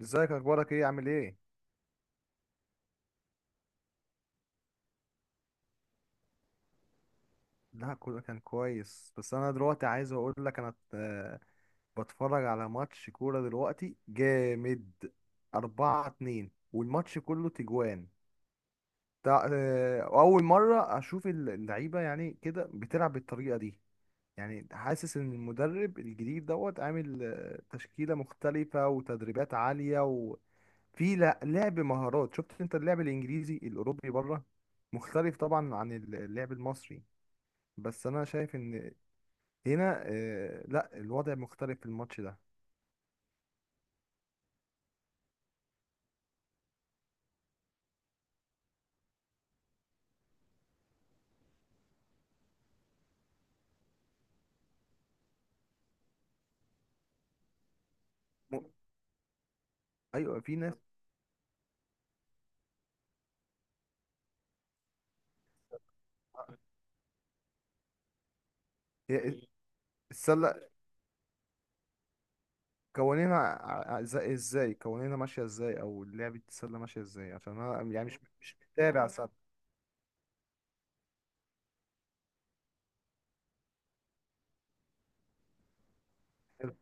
ازيك؟ اخبارك ايه؟ عامل ايه؟ لا، كله كان كويس. بس انا دلوقتي عايز اقول لك انا بتفرج على ماتش كورة دلوقتي جامد. 4-2، والماتش كله تجوان. تع... آه، اول مرة اشوف اللعيبة يعني كده بتلعب بالطريقة دي. يعني حاسس ان المدرب الجديد دوت عامل تشكيلة مختلفة وتدريبات عالية، وفي لعب مهارات. شفت انت اللعب الانجليزي الاوروبي بره مختلف طبعا عن اللعب المصري. بس انا شايف ان هنا لا، الوضع مختلف في الماتش ده. م- ايوه، في ناس. هي السله قوانينها ع- ع- ازاي إزاي؟ قوانينها ماشيه ازاي، او لعبه السله ماشيه ازاي؟ عشان انا يعني مش متابع سله. حلو.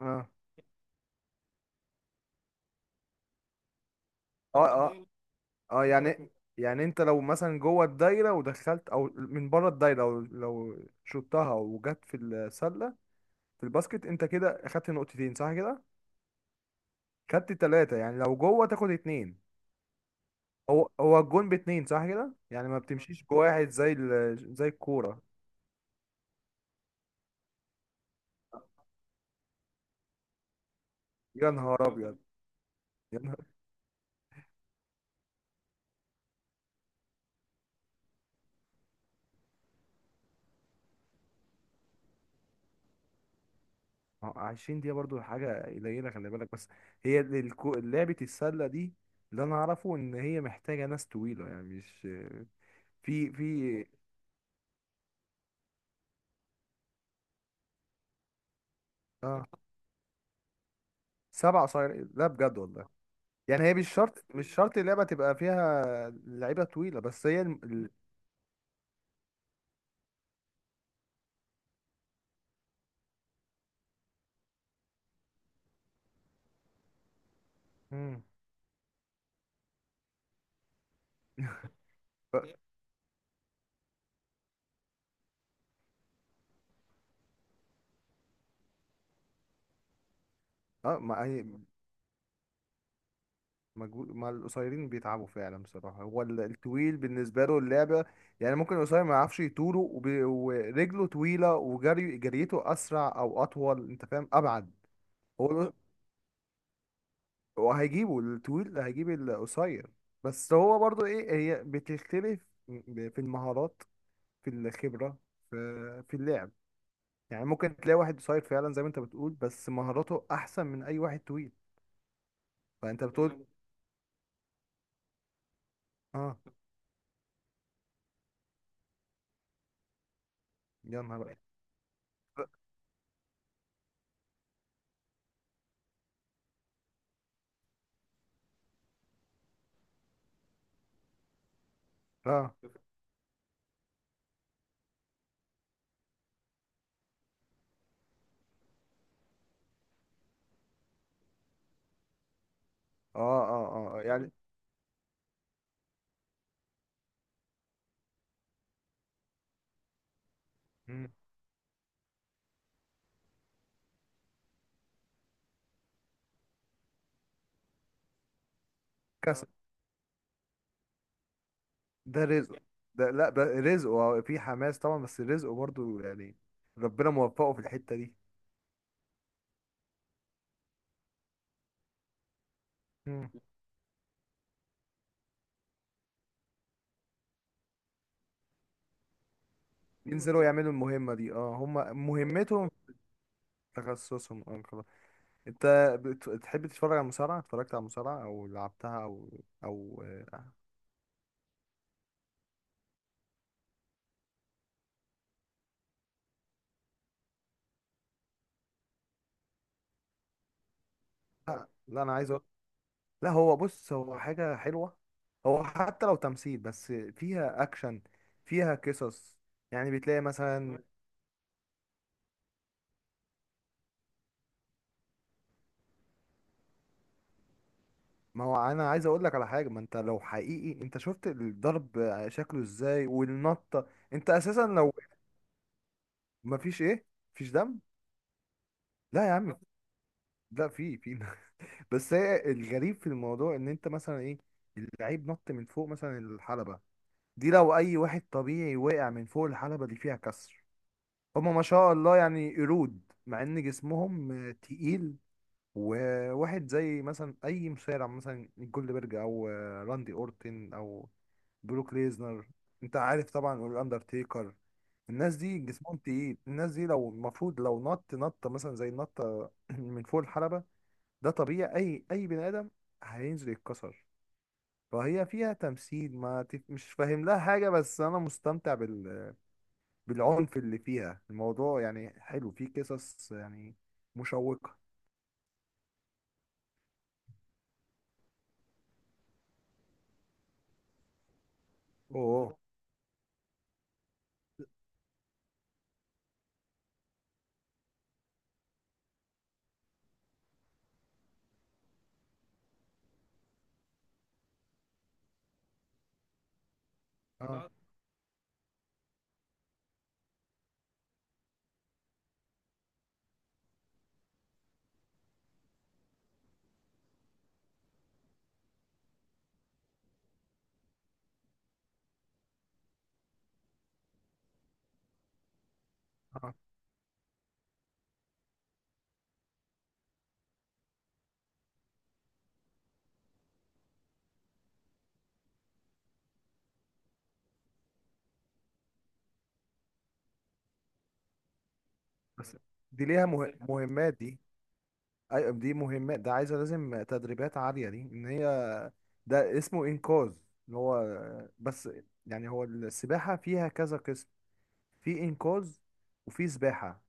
اه، اه، اه، اه، يعني. يعني انت لو مثلا جوه الدايره ودخلت، او من بره الدايره لو شطها وجت في السله، في الباسكت، انت كده اخدت نقطتين، صح كده؟ خدت ثلاثه؟ يعني لو جوه تاخد اتنين. هو الجون باتنين، صح كده؟ يعني ما بتمشيش بواحد زي الكوره. يا نهار ابيض! يا نهار! ما هو 20 دقيقه برضو حاجه قليله، خلي بالك. بس هي لعبه السله دي، اللي انا اعرفه ان هي محتاجه ناس طويله، يعني مش في. اه. سبع صاير؟ لا، بجد والله. يعني هي مش شرط اللعبه تبقى فيها لعيبه طويله، بس هي مم. ف- اه، ما هي مجهود. مع القصيرين بيتعبوا فعلا بصراحة. هو الطويل بالنسبة له اللعبة، يعني ممكن القصير ما يعرفش يطوله، ورجله طويلة، وجري جريته أسرع أو أطول، أنت فاهم، أبعد. هو ال- هو هيجيبه الطويل، هيجيب القصير. بس هو برضو إيه، هي بتختلف في المهارات، في الخبرة، في اللعب. يعني ممكن تلاقي واحد قصير فعلا زي ما أنت بتقول، بس مهاراته أحسن من أي واحد طويل. فأنت بتقول. آه. يا نهار أبيض. اه، اه، اه، يعني. مم. كسب. ده رزق. لا، ده رزق وفي حماس طبعا، بس رزقه برضو يعني ربنا موفقه في الحتة دي. مم. ينزلوا يعملوا المهمة دي، اه، هما مهمتهم. تخصصهم، اه، خلاص. انت بتحب تتفرج على المصارعة؟ اتفرجت على المصارعة او لعبتها، او او آه، لا، لا، انا عايز اقول. لا، هو بص، هو حاجة حلوة. هو حتى لو تمثيل، بس فيها اكشن، فيها قصص يعني. بتلاقي مثلا ما هو انا عايز اقول لك على حاجه. ما انت لو حقيقي انت شفت الضرب شكله ازاي، والنطه. انت اساسا لو ما فيش، ايه؟ فيش دم. لا يا عم. لا، في بس هي الغريب في الموضوع، ان انت مثلا ايه، اللعيب نط من فوق مثلا الحلبه دي. لو اي واحد طبيعي وقع من فوق الحلبه دي فيها كسر. هما، ما شاء الله، يعني قرود، مع ان جسمهم تقيل. وواحد زي مثلا اي مصارع مثلا جولدبرج، او راندي اورتن، او بروك ليزنر. انت عارف طبعا الاندرتيكر. الناس دي جسمهم تقيل. الناس دي لو المفروض لو نط نطه مثلا زي النطه من فوق الحلبه، ده طبيعي، اي بني ادم هينزل يتكسر. فهي فيها تمثيل، ما تف... مش فاهم لها حاجه، بس انا مستمتع بالعنف اللي فيها. الموضوع يعني حلو، فيه قصص يعني مشوقه. اوه. اه، اه، بس دي ليها مهمات دي. ايوه، دي مهمات، ده عايزه لازم تدريبات عاليه، دي ان هي ده اسمه انقاذ اللي هو. بس يعني هو السباحه فيها كذا قسم، في انقاذ وفي سباحه.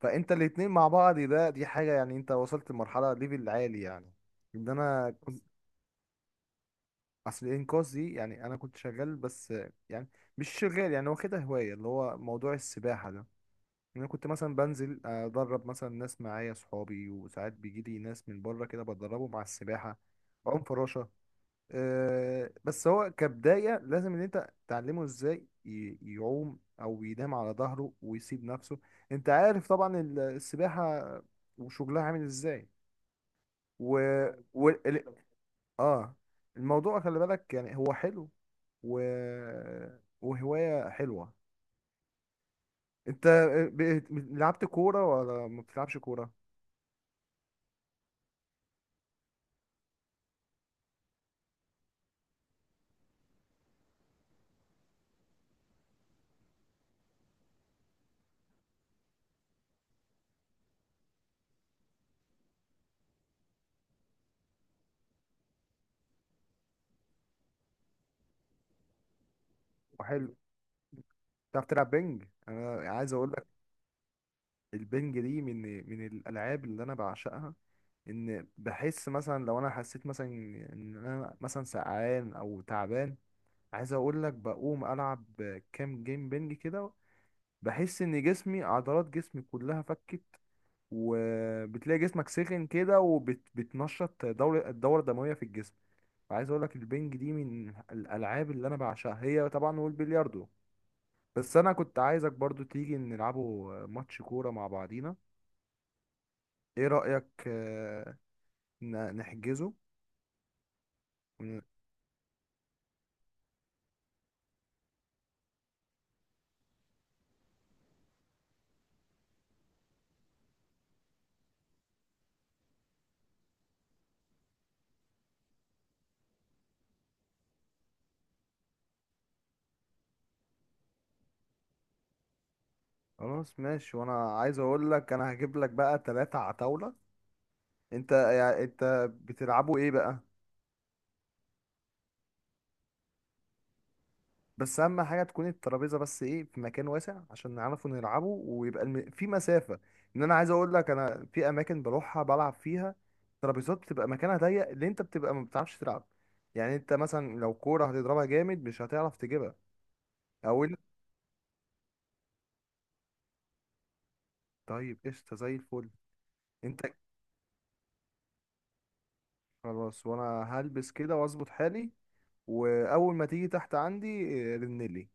فانت الاتنين مع بعض، ده دي حاجه، يعني انت وصلت لمرحله ليفل عالي، يعني ان انا كنت. اصل الانقاذ دي، يعني انا كنت شغال، بس يعني مش شغال، يعني واخدها هوايه اللي هو موضوع السباحه ده. يعني انا كنت مثلا بنزل ادرب مثلا ناس معايا صحابي، وساعات بيجي لي ناس من بره كده بدربهم على السباحه، عوم، فراشه. أه، بس هو كبدايه لازم ان انت تعلمه ازاي يعوم او ينام على ظهره ويسيب نفسه. انت عارف طبعا السباحه وشغلها عامل ازاي. و, و... ال... اه الموضوع خلي بالك، يعني هو حلو، و... وهوايه حلوه. انت ب... لعبت كوره ولا ما بتلعبش كوره؟ وحلو. تعرف تلعب بنج؟ انا عايز اقول لك، البنج دي من الالعاب اللي انا بعشقها. ان بحس مثلا لو انا حسيت مثلا ان انا مثلا سقعان او تعبان، عايز اقول لك، بقوم العب كام جيم بنج كده، بحس ان جسمي، عضلات جسمي كلها فكت، وبتلاقي جسمك سخن كده، وبتنشط الدورة الدموية في الجسم. فعايز اقول لك، البنج دي من الالعاب اللي انا بعشقها هي طبعا، والبلياردو. بس انا كنت عايزك برضو تيجي نلعبوا ماتش كورة مع بعضينا. ايه رأيك؟ نحجزه ون- خلاص ماشي، وانا عايز اقول لك، انا هجيب لك بقى ثلاثة على طاولة. انت يعني، انت بتلعبوا ايه بقى؟ بس اهم حاجة تكون الترابيزة، بس ايه، في مكان واسع عشان نعرفوا نلعبه، ويبقى في مسافة. ان انا عايز اقول لك، انا في اماكن بروحها بلعب فيها ترابيزات بتبقى مكانها ضيق، اللي انت بتبقى ما بتعرفش تلعب. يعني انت مثلا لو كورة هتضربها جامد مش هتعرف تجيبها. او طيب، قشطة زي الفل. انت خلاص، وانا هلبس كده واظبط حالي، واول ما تيجي تحت عندي رنلي.